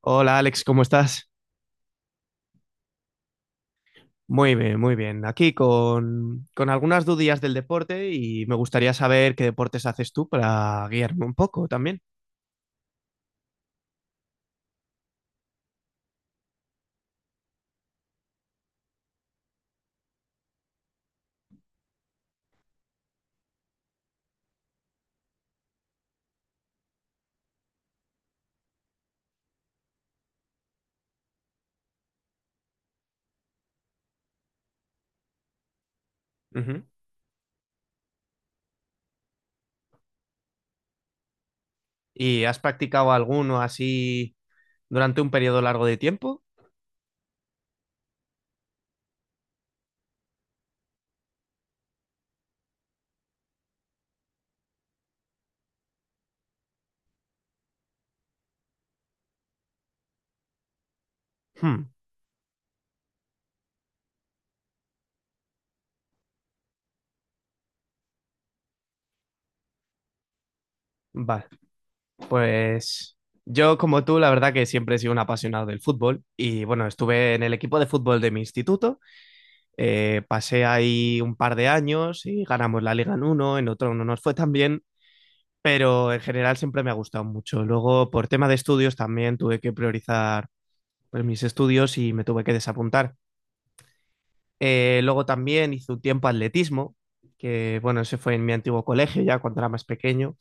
Hola Alex, ¿cómo estás? Muy bien, muy bien. Aquí con algunas dudillas del deporte y me gustaría saber qué deportes haces tú para guiarme un poco también. Ujú. ¿Y has practicado alguno así durante un periodo largo de tiempo? Hmm. Vale, pues yo como tú, la verdad que siempre he sido un apasionado del fútbol y bueno, estuve en el equipo de fútbol de mi instituto, pasé ahí un par de años y ganamos la Liga en uno, en otro no nos fue tan bien pero en general siempre me ha gustado mucho. Luego, por tema de estudios, también tuve que priorizar pues, mis estudios y me tuve que desapuntar. Luego también hice un tiempo atletismo, que bueno, ese fue en mi antiguo colegio ya cuando era más pequeño,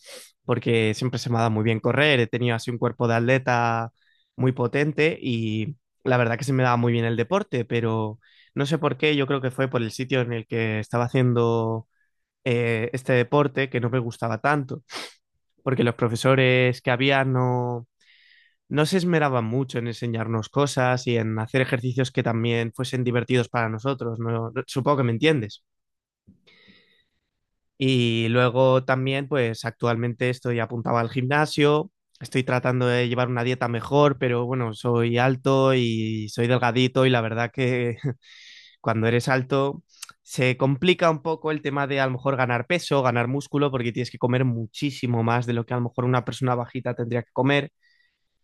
porque siempre se me ha dado muy bien correr, he tenido así un cuerpo de atleta muy potente y la verdad que se me daba muy bien el deporte, pero no sé por qué, yo creo que fue por el sitio en el que estaba haciendo este deporte que no me gustaba tanto porque los profesores que había no, no se esmeraban mucho en enseñarnos cosas y en hacer ejercicios que también fuesen divertidos para nosotros, ¿no? No, supongo que me entiendes. Y luego también, pues actualmente estoy apuntado al gimnasio, estoy tratando de llevar una dieta mejor, pero bueno, soy alto y soy delgadito y la verdad que cuando eres alto se complica un poco el tema de a lo mejor ganar peso, ganar músculo, porque tienes que comer muchísimo más de lo que a lo mejor una persona bajita tendría que comer.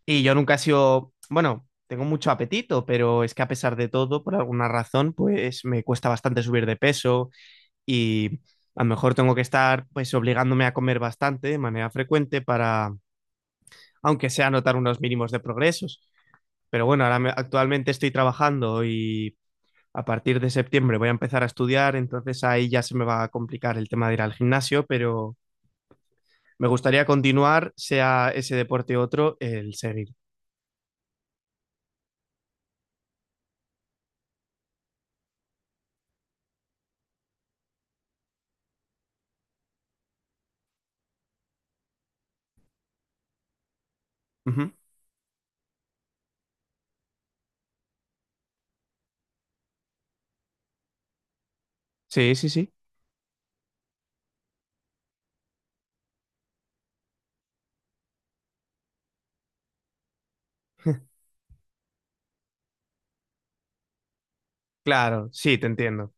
Y yo nunca he sido, bueno, tengo mucho apetito, pero es que a pesar de todo, por alguna razón, pues me cuesta bastante subir de peso y a lo mejor tengo que estar pues obligándome a comer bastante de manera frecuente para, aunque sea notar unos mínimos de progresos. Pero bueno, actualmente estoy trabajando y a partir de septiembre voy a empezar a estudiar, entonces ahí ya se me va a complicar el tema de ir al gimnasio, pero me gustaría continuar, sea ese deporte u otro, el seguir. Ujú. Sí, sí, sí. Claro, sí, te entiendo.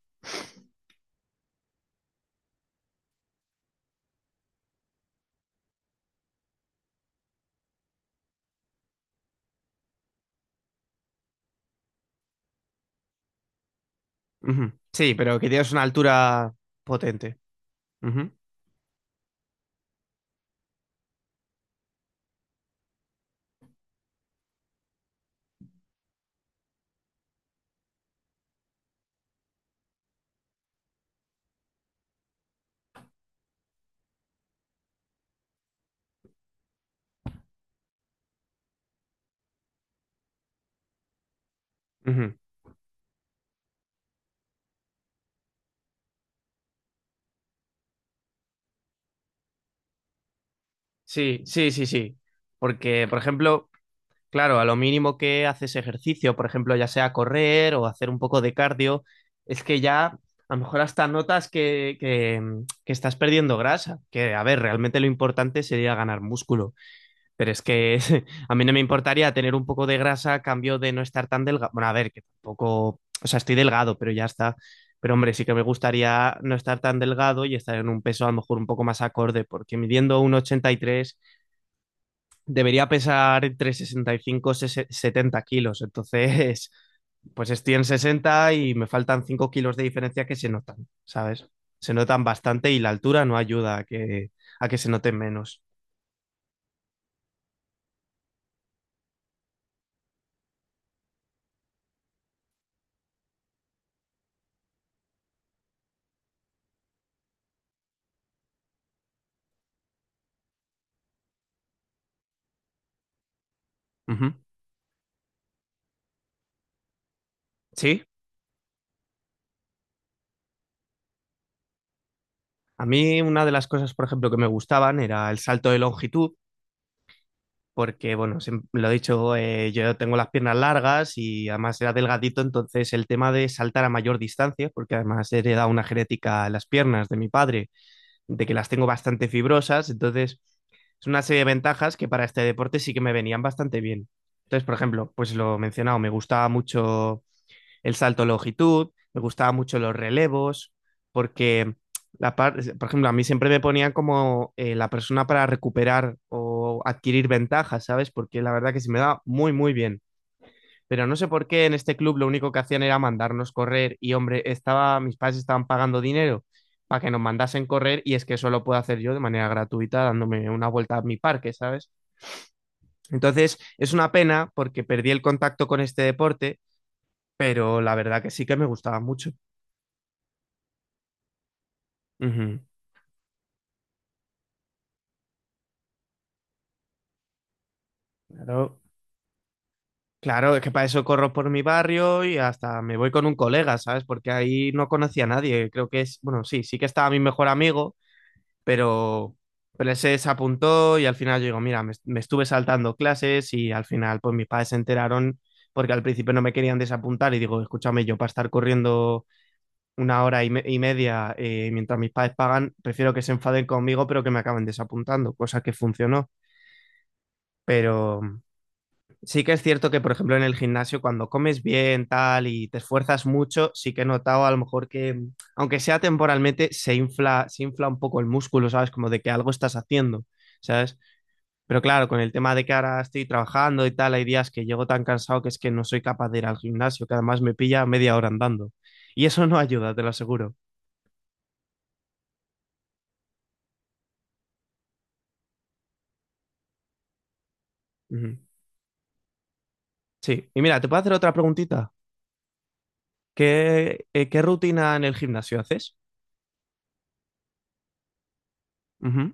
Ujú. Sí, pero que tienes una altura potente. Ujú, ujú. Sí, sí, sí, sí. Porque, por ejemplo, claro, a lo mínimo que haces ejercicio, por ejemplo, ya sea correr o hacer un poco de cardio, es que ya a lo mejor hasta notas que estás perdiendo grasa. Que, a ver, realmente lo importante sería ganar músculo. Pero es que a mí no me importaría tener un poco de grasa a cambio de no estar tan delgado. Bueno, a ver, que tampoco. O sea, estoy delgado, pero ya está. Pero hombre, sí que me gustaría no estar tan delgado y estar en un peso a lo mejor un poco más acorde, porque midiendo un 83 debería pesar entre 65 y 70 kilos. Entonces, pues estoy en 60 y me faltan 5 kilos de diferencia que se notan, ¿sabes? Se notan bastante y la altura no ayuda a que se noten menos. Ujú. ¿Sí? A mí una de las cosas, por ejemplo, que me gustaban era el salto de longitud, porque, bueno, lo he dicho, yo tengo las piernas largas y además era delgadito, entonces el tema de saltar a mayor distancia, porque además he heredado una genética a las piernas de mi padre, de que las tengo bastante fibrosas, entonces es una serie de ventajas que para este deporte sí que me venían bastante bien. Entonces, por ejemplo, pues lo mencionado, me gustaba mucho el salto de longitud, me gustaban mucho los relevos, porque, por ejemplo, a mí siempre me ponían como la persona para recuperar o adquirir ventajas, ¿sabes? Porque la verdad que se me da muy, muy bien. Pero no sé por qué en este club lo único que hacían era mandarnos correr y, hombre, estaba, mis padres estaban pagando dinero para que nos mandasen correr y es que eso lo puedo hacer yo de manera gratuita dándome una vuelta a mi parque, ¿sabes? Entonces, es una pena porque perdí el contacto con este deporte, pero la verdad que sí que me gustaba mucho. Ujú. Claro, claro, es que para eso corro por mi barrio y hasta me voy con un colega, ¿sabes? Porque ahí no conocía a nadie. Creo que es, bueno, sí, sí que estaba mi mejor amigo, pero, pero ese se apuntó y al final yo digo, mira, me estuve saltando clases y al final pues mis padres se enteraron porque al principio no me querían desapuntar y digo, escúchame, yo para estar corriendo una hora y media mientras mis padres pagan, prefiero que se enfaden conmigo pero que me acaben desapuntando, cosa que funcionó. Pero. Sí que es cierto que, por ejemplo, en el gimnasio, cuando comes bien, tal, y te esfuerzas mucho, sí que he notado a lo mejor que, aunque sea temporalmente, se infla un poco el músculo, ¿sabes? Como de que algo estás haciendo, ¿sabes? Pero claro, con el tema de que ahora estoy trabajando y tal, hay días que llego tan cansado que es que no soy capaz de ir al gimnasio, que además me pilla media hora andando. Y eso no ayuda, te lo aseguro. Ujú. Sí. Y mira, ¿te puedo hacer otra preguntita? ¿Qué, qué rutina en el gimnasio haces? Ujú.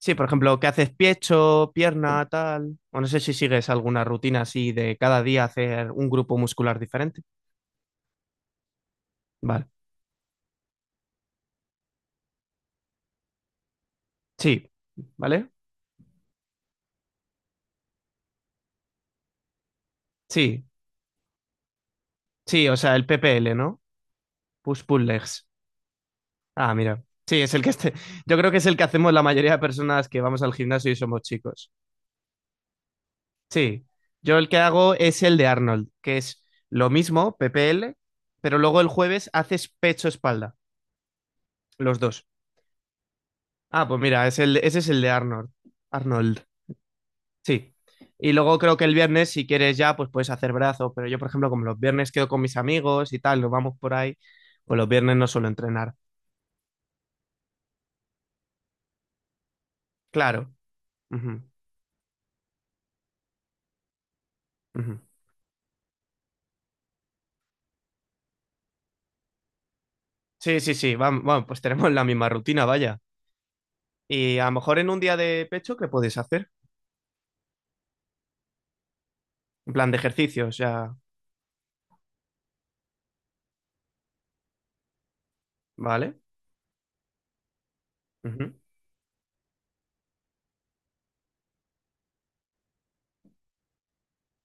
Sí, por ejemplo, que haces pecho, pierna, tal. O no sé si sigues alguna rutina así de cada día hacer un grupo muscular diferente. Vale. Sí, ¿vale? Sí, sí, o sea, el PPL, ¿no? Push pull legs. Ah, mira. Sí, es el que este. Yo creo que es el que hacemos la mayoría de personas que vamos al gimnasio y somos chicos. Sí. Yo el que hago es el de Arnold, que es lo mismo, PPL, pero luego el jueves haces pecho-espalda, los dos. Ah, pues mira, es el, ese es el de Arnold. Arnold. Sí. Y luego creo que el viernes, si quieres ya, pues puedes hacer brazos. Pero yo, por ejemplo, como los viernes quedo con mis amigos y tal, nos vamos por ahí, pues los viernes no suelo entrenar. Claro. Ujú, ujú. Sí, sí, sí. Vamos, bueno, pues tenemos la misma rutina, vaya. Y a lo mejor en un día de pecho, ¿qué puedes hacer? En plan de ejercicios, ya. ¿Vale? Ujú.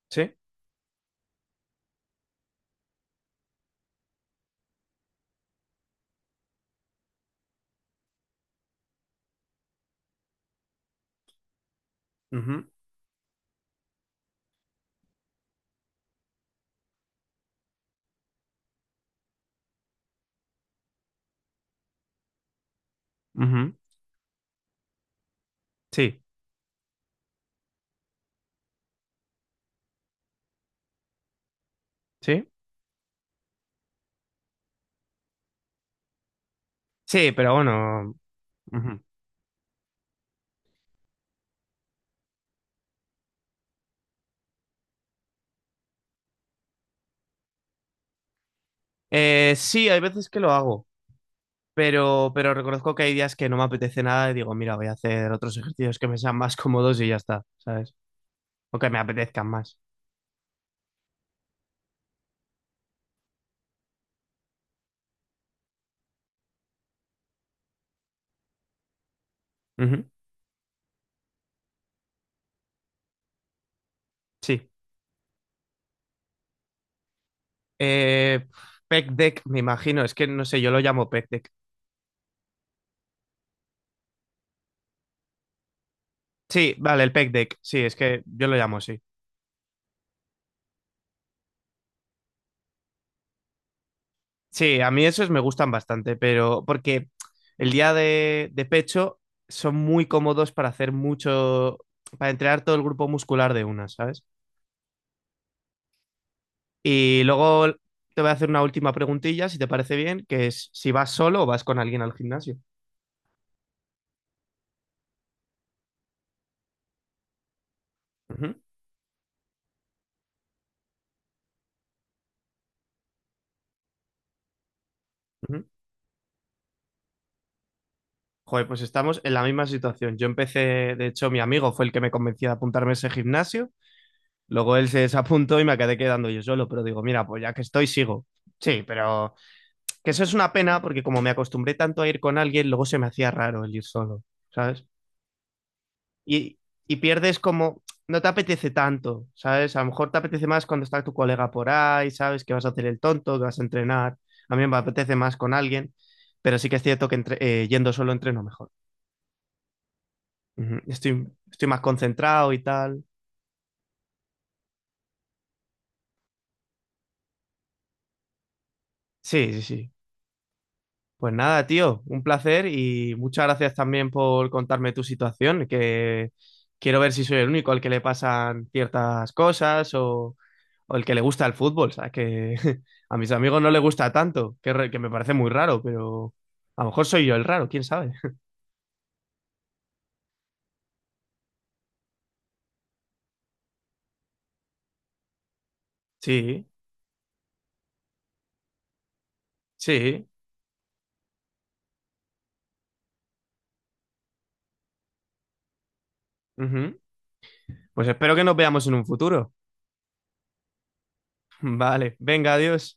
Sí. Ujú, ujú. Sí, sí. Sí, pero bueno. Ujú. Sí, hay veces que lo hago. Pero reconozco que hay días que no me apetece nada y digo, mira, voy a hacer otros ejercicios que me sean más cómodos y ya está, ¿sabes? O que me apetezcan más. Ujú. Sí. Eh, pec deck, me imagino. Es que no sé, yo lo llamo pec deck. Sí, vale, el pec deck. Sí, es que yo lo llamo así. Sí, a mí esos me gustan bastante, pero porque el día de pecho son muy cómodos para hacer mucho, para entrenar todo el grupo muscular de una, ¿sabes? Y luego te voy a hacer una última preguntilla, si te parece bien, que es si vas solo o vas con alguien al gimnasio. Ujú, ujú. Joder, pues estamos en la misma situación. Yo empecé, de hecho, mi amigo fue el que me convenció de apuntarme a ese gimnasio. Luego él se desapuntó y me quedé quedando yo solo, pero digo, mira, pues ya que estoy, sigo. Sí, pero que eso es una pena porque como me acostumbré tanto a ir con alguien, luego se me hacía raro el ir solo, ¿sabes? y, y pierdes como, no te apetece tanto, ¿sabes? A lo mejor te apetece más cuando está tu colega por ahí, ¿sabes? Que vas a hacer el tonto, que vas a entrenar. A mí me apetece más con alguien, pero sí que es cierto que yendo solo entreno mejor. Ujú. Estoy más concentrado y tal. Sí, sí, sí. Pues nada, tío, un placer y muchas gracias también por contarme tu situación, que quiero ver si soy el único al que le pasan ciertas cosas o el que le gusta el fútbol, ¿sabes? Que a mis amigos no les gusta tanto, que me parece muy raro, pero a lo mejor soy yo el raro, quién sabe. Sí, sí. Ujú. Pues espero que nos veamos en un futuro. Vale, venga, adiós.